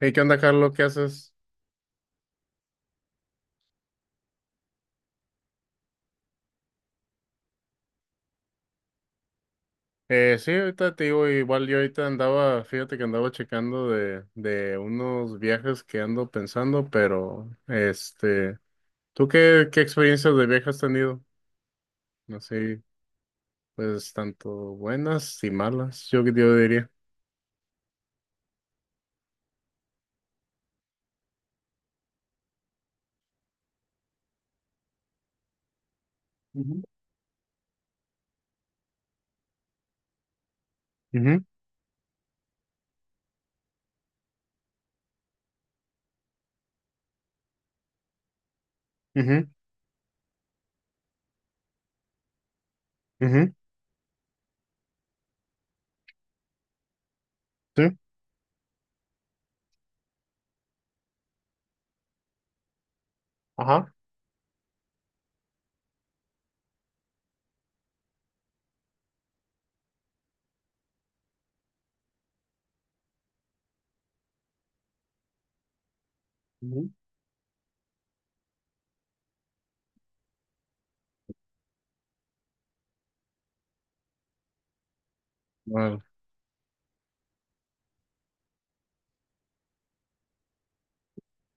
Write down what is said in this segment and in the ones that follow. Hey, ¿qué onda, Carlos? ¿Qué haces? Sí, ahorita te digo, igual yo ahorita andaba, fíjate que andaba checando de unos viajes que ando pensando, pero este, ¿tú qué experiencias de viaje has tenido? Así, pues, tanto buenas y malas, yo diría. Ujú, ujú, ujú, ujú, sí, ajá, ujú. Bueno,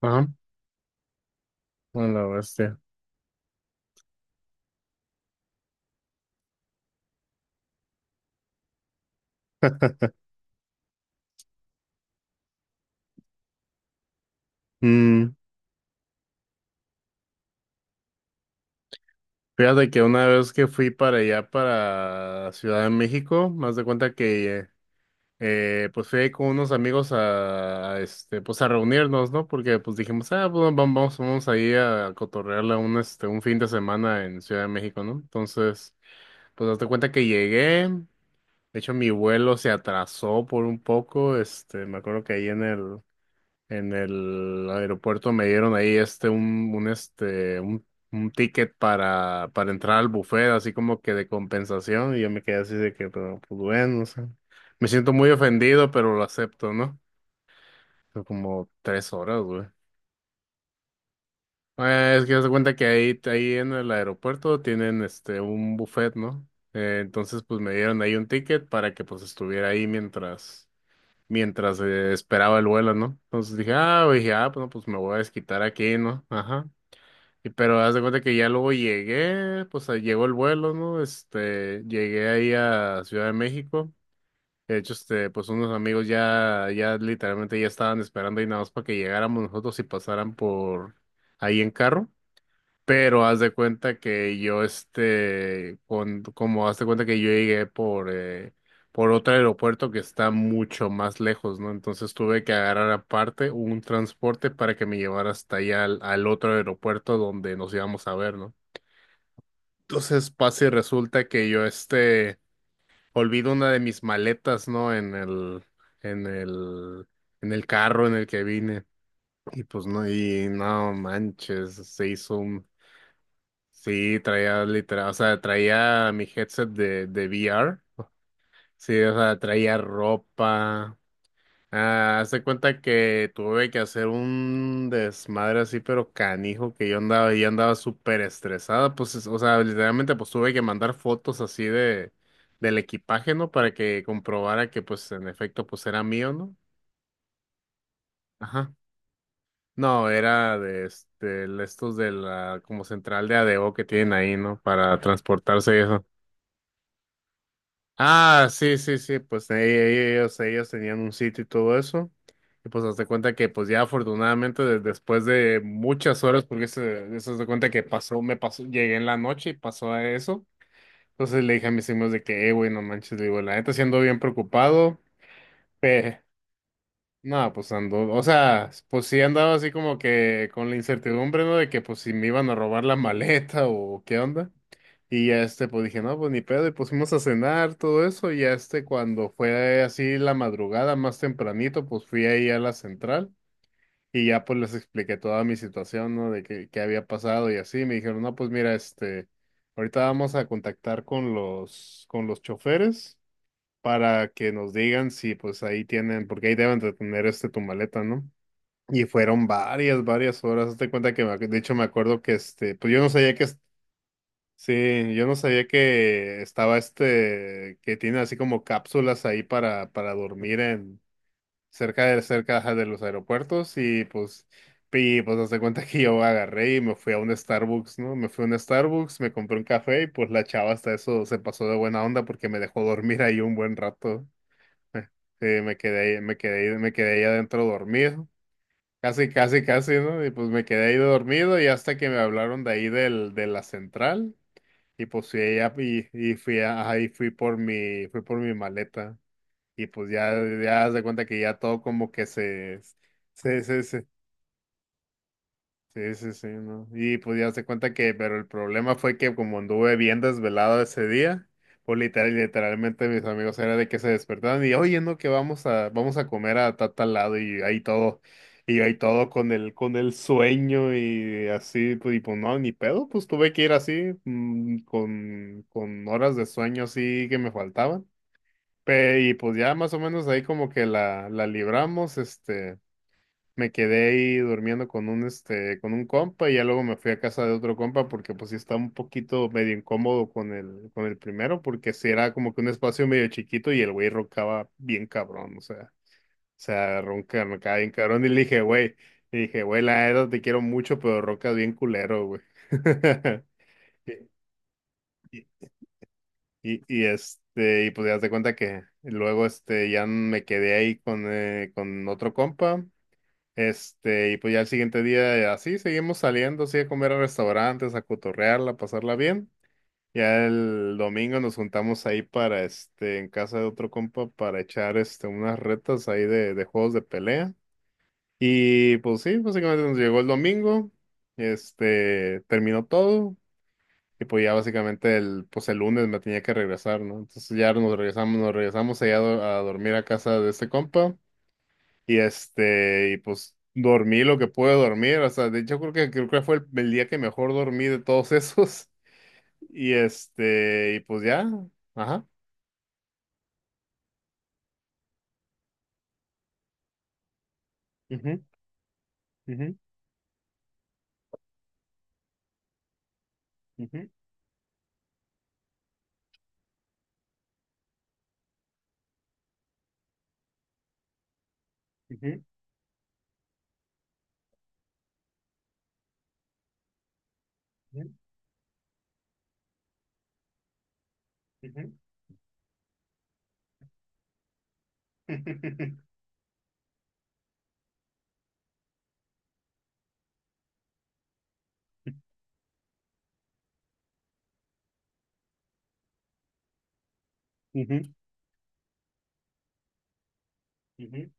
ajá, bueno, la bestia. Mm, fíjate que una vez que fui para allá, para Ciudad de México, más de cuenta que pues fui ahí con unos amigos este, pues a reunirnos, ¿no? Porque pues dijimos, ah, pues vamos, vamos ahí a cotorrearla este, un fin de semana en Ciudad de México, ¿no? Entonces, pues hazte cuenta que llegué, de hecho mi vuelo se atrasó por un poco, este, me acuerdo que ahí en el aeropuerto me dieron ahí este un ticket para entrar al buffet, así como que de compensación, y yo me quedé así de que, pero, pues bueno, o sea, me siento muy ofendido, pero lo acepto, ¿no? Fue como tres horas, güey. Es que se cuenta que ahí en el aeropuerto tienen este un buffet, ¿no? Entonces, pues me dieron ahí un ticket para que pues estuviera ahí mientras, esperaba el vuelo, ¿no? Entonces dije, ah, bueno, pues me voy a desquitar aquí, ¿no? Ajá. Y pero haz de cuenta que ya luego llegué, pues ahí llegó el vuelo, ¿no? Este, llegué ahí a Ciudad de México. De hecho, este, pues unos amigos ya literalmente ya estaban esperando ahí nada más para que llegáramos nosotros y pasaran por ahí en carro. Pero haz de cuenta que yo, este, con, como haz de cuenta que yo llegué por otro aeropuerto que está mucho más lejos, ¿no? Entonces tuve que agarrar aparte un transporte para que me llevara hasta allá al otro aeropuerto donde nos íbamos a ver, ¿no? Entonces pasa y resulta que yo, este, olvido una de mis maletas, ¿no? En el, en el carro en el que vine. Y pues no, y no manches, se hizo un. Sí, traía literal, o sea, traía mi headset de VR. Sí, o sea, traía ropa. Ah, haz de cuenta que tuve que hacer un desmadre así, pero canijo, que yo andaba súper estresada. Pues, es- o sea, literalmente, pues tuve que mandar fotos así de, del equipaje, ¿no? Para que comprobara que, pues, en efecto, pues era mío, ¿no? Ajá. No, era de este, el- estos de la como central de Adeo que tienen ahí, ¿no? Para transportarse y eso. Ah, sí, sí, sí, pues ahí- ahí ellos, ellos tenían un sitio y todo eso. Y pues hazte cuenta que pues ya afortunadamente de- después de muchas horas, porque eso haz de cuenta que pasó, me pasó, llegué en la noche y pasó a eso. Entonces le dije a mis amigos de que, güey, no manches, le digo, la neta siendo bien preocupado, no, pues ando, o sea, pues sí andaba así como que con la incertidumbre, ¿no? De que pues si me iban a robar la maleta o qué onda. Y ya este, pues dije, no, pues ni pedo, y pues fuimos a cenar, todo eso, y ya este, cuando fue así la madrugada, más tempranito, pues fui ahí a la central, y ya pues les expliqué toda mi situación, ¿no? De que, qué había pasado y así, me dijeron, no, pues mira, este, ahorita vamos a contactar con con los choferes, para que nos digan si pues ahí tienen, porque ahí deben de tener este tu maleta, ¿no? Y fueron varias horas. Hazte cuenta que me ac- de hecho me acuerdo que este, pues yo no sabía que es- sí, yo no sabía que estaba este, que tiene así como cápsulas ahí para dormir en cerca ajá, de los aeropuertos y pues, y pues hazte cuenta que yo agarré y me fui a un Starbucks, ¿no? Me fui a un Starbucks, me compré un café y pues la chava hasta eso se pasó de buena onda porque me dejó dormir ahí un buen rato. Sí, me quedé ahí, me quedé ahí, me quedé ahí adentro dormido. Casi, casi, casi, ¿no? Y pues me quedé ahí dormido y hasta que me hablaron de ahí de la central. Y pues fui allá y ahí fui por mi maleta. Y pues ya, ya haz de cuenta que ya todo como que se. Sí, sí, sí, ¿no? Y pues ya se cuenta que, pero el problema fue que como anduve bien desvelado ese día, pues literal, literalmente mis amigos era de que se despertaban y, oye, no, que vamos a comer a tal lado y ahí todo con el sueño y así, pues, y pues no, ni pedo, pues tuve que ir así, con horas de sueño así que me faltaban. Pe- y pues ya más o menos ahí como que la libramos, este. Me quedé ahí durmiendo con un este, con un compa y ya luego me fui a casa de otro compa porque pues sí estaba un poquito medio incómodo con el primero, porque sí era como que un espacio medio chiquito y el güey roncaba bien cabrón, roncaba bien cabrón y le dije, güey, la neta te quiero mucho, pero roncas bien culero, güey. Y, y, este, y pues ya te cuenta que luego este, ya me quedé ahí con otro compa. Este, y pues ya el siguiente día así seguimos saliendo, así a comer a restaurantes, a cotorrearla, a pasarla bien. Ya el domingo nos juntamos ahí para este, en casa de otro compa para echar este unas retas ahí de juegos de pelea. Y pues sí, básicamente nos llegó el domingo, este, terminó todo. Y pues ya básicamente el, pues el lunes me tenía que regresar, ¿no? Entonces ya nos regresamos allá a dormir a casa de este compa. Y este, y pues dormí lo que pude dormir. O sea, de hecho creo que fue el día que mejor dormí de todos esos. Y este, y pues ya. Ajá. Ujú, ujú, ujú, ujú, ujú, ujú. Ujú, ujú.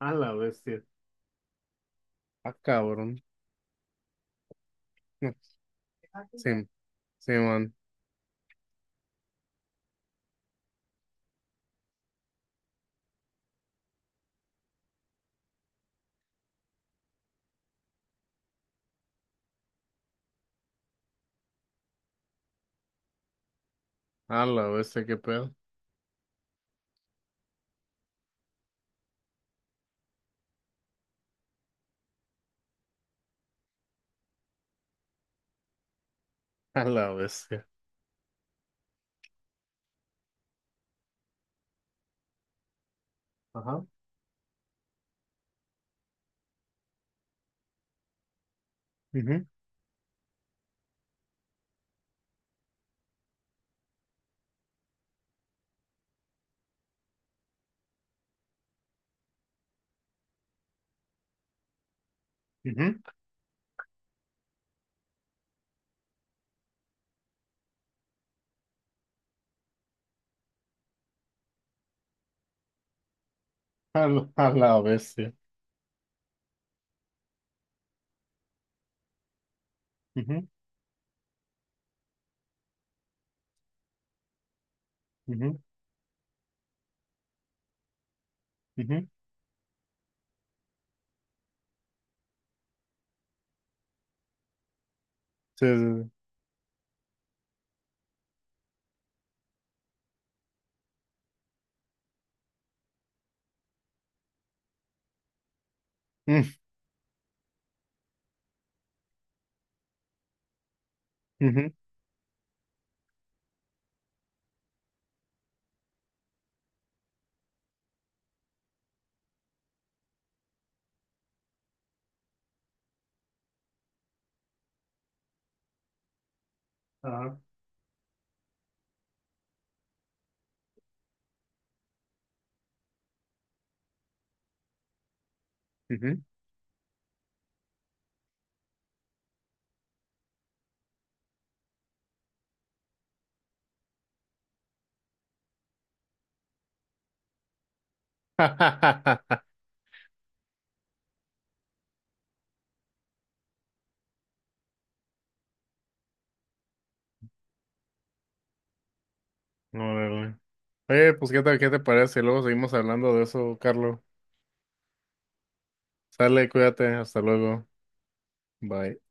A la bestia. Ah, cabrón. No, sí, sí, man. A la bestia, qué pedo. A la bestia. Ajá. Ujú, ujú. A la bestia. Ujú, ujú, ujú. Sí, sí, sí. Mm, ujú. Ajá. Ujú. Órale. Oye, pues ¿qué tal, qué te parece? Luego seguimos hablando de eso, Carlos. Sale, cuídate, hasta luego. Bye.